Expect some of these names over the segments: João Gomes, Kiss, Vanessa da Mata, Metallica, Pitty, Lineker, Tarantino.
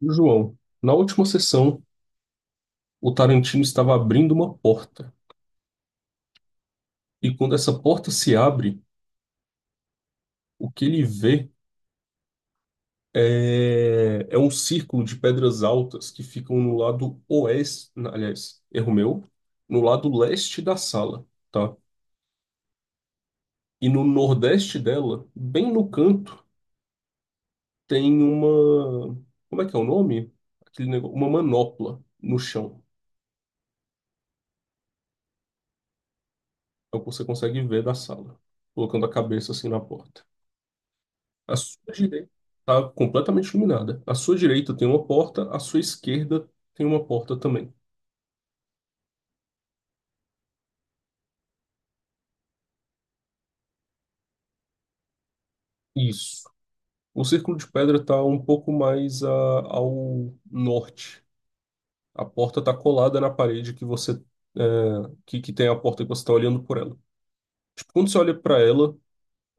João, na última sessão, o Tarantino estava abrindo uma porta. E quando essa porta se abre, o que ele vê é um círculo de pedras altas que ficam no lado oeste, aliás, erro meu, no lado leste da sala, tá? E no nordeste dela, bem no canto, tem uma, como é que é o nome? Aquele negócio, uma manopla no chão. É o que você consegue ver da sala, colocando a cabeça assim na porta. A sua direita está completamente iluminada. À sua direita tem uma porta, à sua esquerda tem uma porta também. Isso. O círculo de pedra está um pouco mais ao norte. A porta está colada na parede que você é, que tem a porta que você está olhando por ela. Tipo, quando você olha para ela,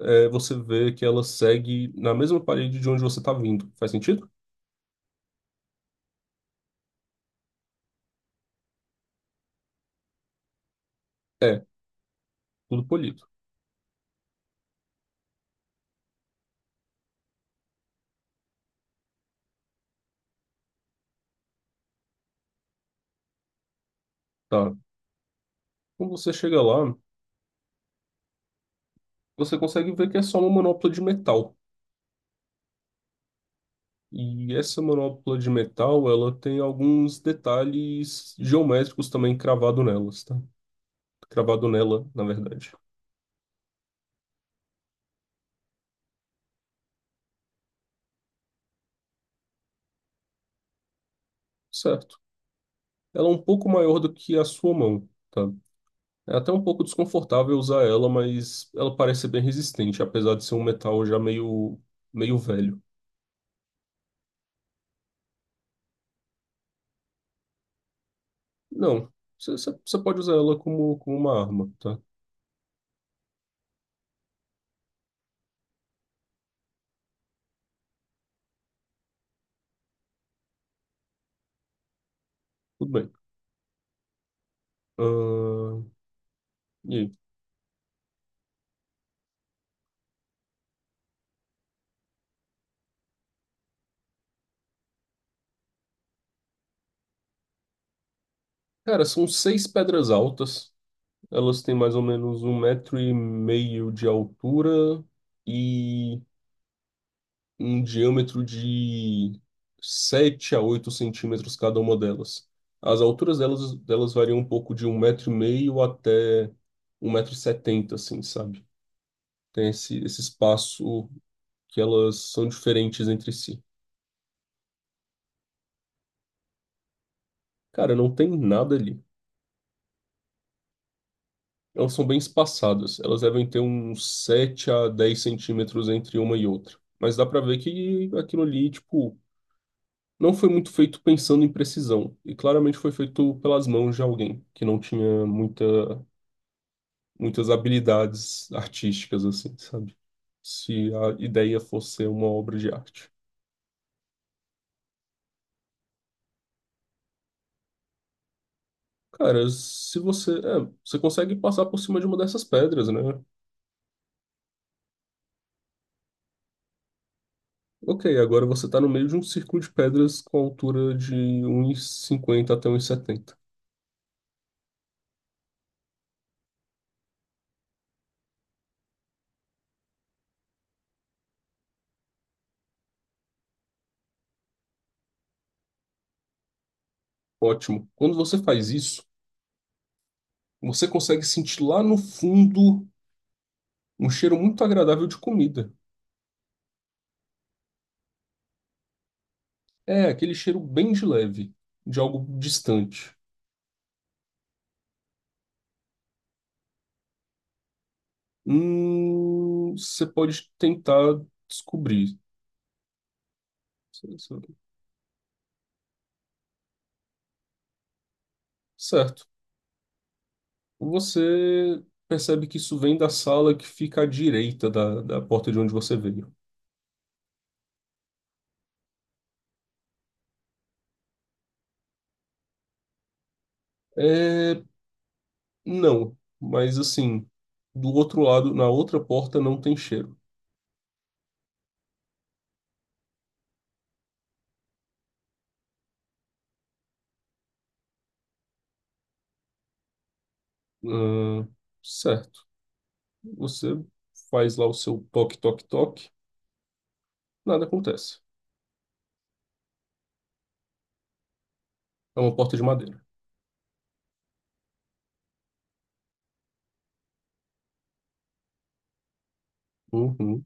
você vê que ela segue na mesma parede de onde você está vindo. Faz sentido? É, tudo polido. Tá. Quando você chega lá, você consegue ver que é só uma manopla de metal. E essa manopla de metal, ela tem alguns detalhes geométricos também cravado nelas, tá? Cravado nela, na verdade. Certo. Ela é um pouco maior do que a sua mão, tá? É até um pouco desconfortável usar ela, mas ela parece ser bem resistente, apesar de ser um metal já meio velho. Não, você pode usar ela como uma arma, tá? Tudo bem. Ahn, e aí? Cara, são seis pedras altas. Elas têm mais ou menos um metro e meio de altura e um diâmetro de 7 a 8 centímetros cada uma delas. As alturas delas variam um pouco de um metro e meio até um metro e setenta, assim, sabe? Tem esse espaço que elas são diferentes entre si. Cara, não tem nada ali. Elas são bem espaçadas. Elas devem ter uns 7 a 10 centímetros entre uma e outra. Mas dá pra ver que aquilo ali, tipo, não foi muito feito pensando em precisão, e claramente foi feito pelas mãos de alguém que não tinha muitas habilidades artísticas, assim, sabe? Se a ideia fosse ser uma obra de arte. Cara, se você. É, você consegue passar por cima de uma dessas pedras, né? Ok, agora você tá no meio de um círculo de pedras com altura de um e cinquenta até um e setenta. Ótimo. Quando você faz isso, você consegue sentir lá no fundo um cheiro muito agradável de comida. É, aquele cheiro bem de leve, de algo distante. Você pode tentar descobrir. Certo. Você percebe que isso vem da sala que fica à direita da porta de onde você veio. É, não, mas assim, do outro lado, na outra porta não tem cheiro. Hum, certo. Você faz lá o seu toque, toque, toque, nada acontece. É uma porta de madeira. Uhum.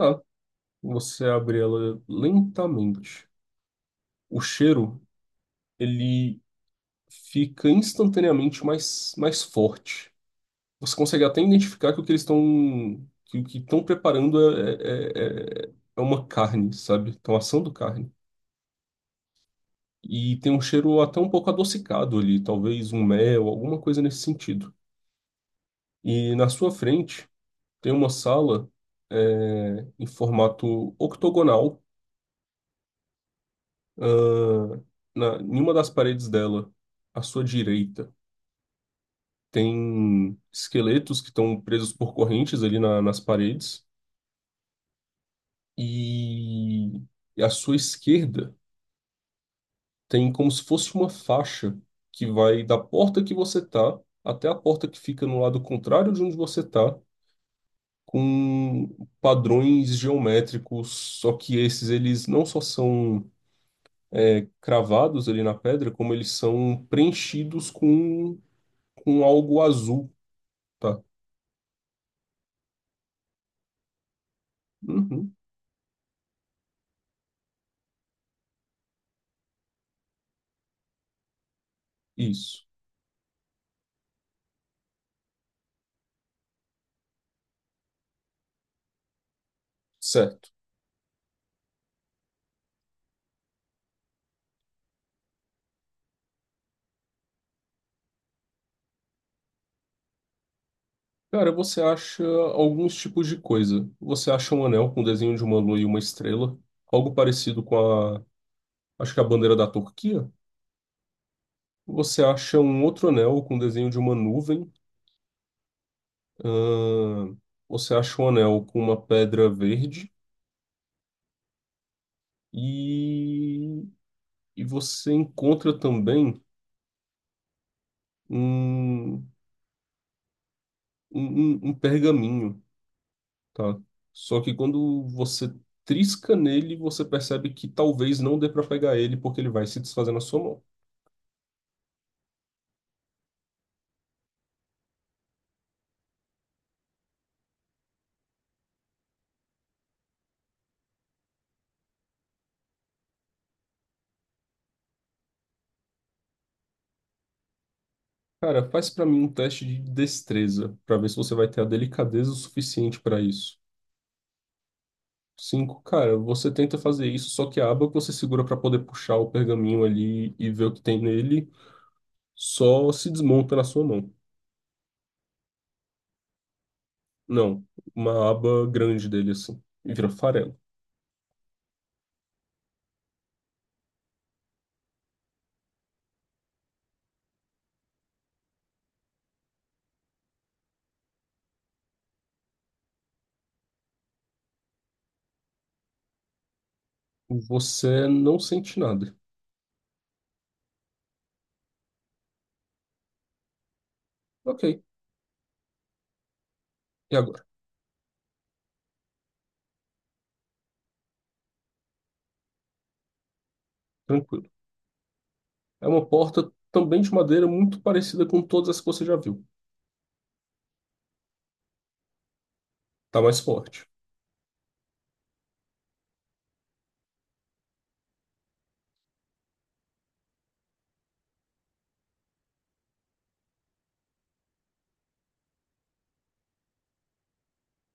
Ah, você abre ela lentamente. O cheiro, ele fica instantaneamente mais forte. Você consegue até identificar que o que eles estão que o que estão preparando é uma carne, sabe? Estão assando carne. E tem um cheiro até um pouco adocicado ali, talvez um mel, alguma coisa nesse sentido. E na sua frente tem uma sala em formato octogonal. Ah, em uma das paredes dela, à sua direita, tem esqueletos que estão presos por correntes ali nas paredes. E, e à sua esquerda tem como se fosse uma faixa que vai da porta que você tá até a porta que fica no lado contrário de onde você tá, com padrões geométricos. Só que esses eles não só são cravados ali na pedra, como eles são preenchidos com algo azul. Tá. Uhum. Isso, certo. Cara, você acha alguns tipos de coisa. Você acha um anel com desenho de uma lua e uma estrela, algo parecido com a, acho que a bandeira da Turquia. Você acha um outro anel com desenho de uma nuvem. Ahn, Você acha um anel com uma pedra verde e, e você encontra também um, um, um pergaminho. Tá. Só que quando você trisca nele, você percebe que talvez não dê pra pegar ele porque ele vai se desfazer na sua mão. Cara, faz pra mim um teste de destreza pra ver se você vai ter a delicadeza o suficiente pra isso. Cinco, cara, você tenta fazer isso, só que a aba que você segura pra poder puxar o pergaminho ali e ver o que tem nele só se desmonta na sua mão. Não, uma aba grande dele assim, e vira farelo. Você não sente nada. Ok, e agora? Tranquilo. É uma porta também de madeira muito parecida com todas as que você já viu. Tá mais forte.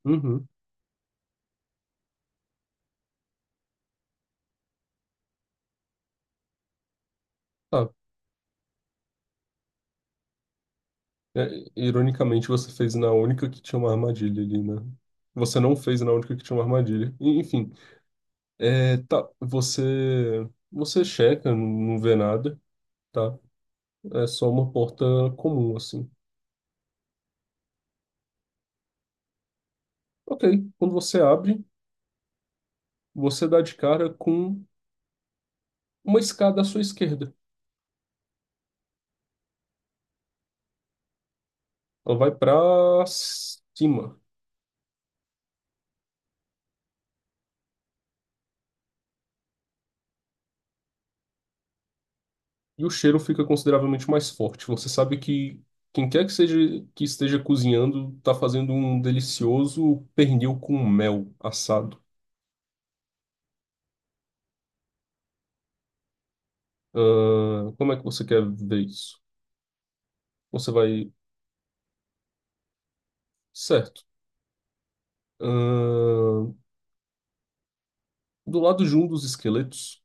Uhum. Tá. É, ironicamente, você fez na única que tinha uma armadilha ali, né? Você não fez na única que tinha uma armadilha. Enfim, tá. Você checa, não, não vê nada, tá? É só uma porta comum, assim. Ok. Quando você abre, você dá de cara com uma escada à sua esquerda. Ela vai pra cima. E o cheiro fica consideravelmente mais forte. Você sabe que quem quer que seja que esteja cozinhando está fazendo um delicioso pernil com mel assado. Como é que você quer ver isso? Você vai. Certo. Ahn, do lado de um dos esqueletos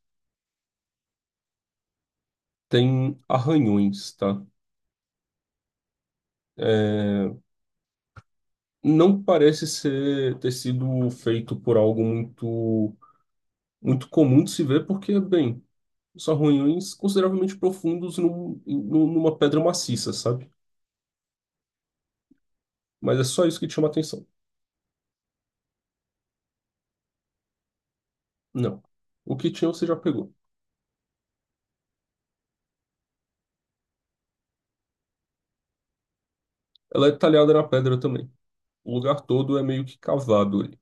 tem arranhões, tá? É, não parece ser ter sido feito por algo muito muito comum de se ver, porque, bem, são ruídos consideravelmente profundos numa pedra maciça, sabe? Mas é só isso que te chama atenção. Não. O que tinha você já pegou. Ela é talhada na pedra também. O lugar todo é meio que cavado ali.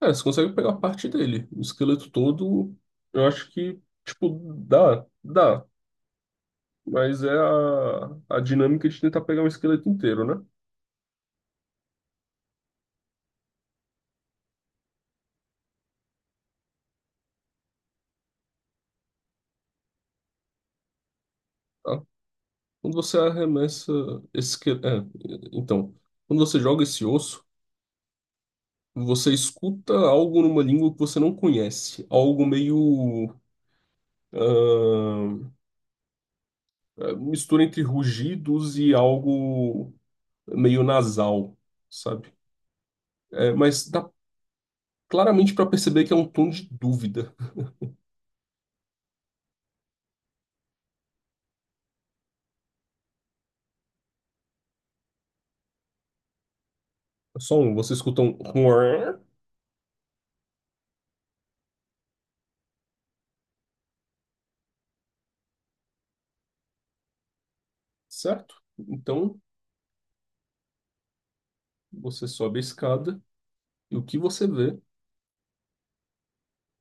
Cara, você consegue pegar parte dele. O esqueleto todo, eu acho que, tipo, dá, dá. Mas é a dinâmica de tentar pegar um esqueleto inteiro, né? Tá? Quando você arremessa esse esqueleto. É, então, quando você joga esse osso. Você escuta algo numa língua que você não conhece, algo meio ah, mistura entre rugidos e algo meio nasal, sabe? É, mas dá claramente para perceber que é um tom de dúvida. É só um, você escuta um "uar", certo? Então você sobe a escada e o que você vê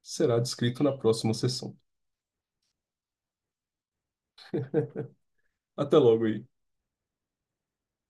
será descrito na próxima sessão. Até logo aí.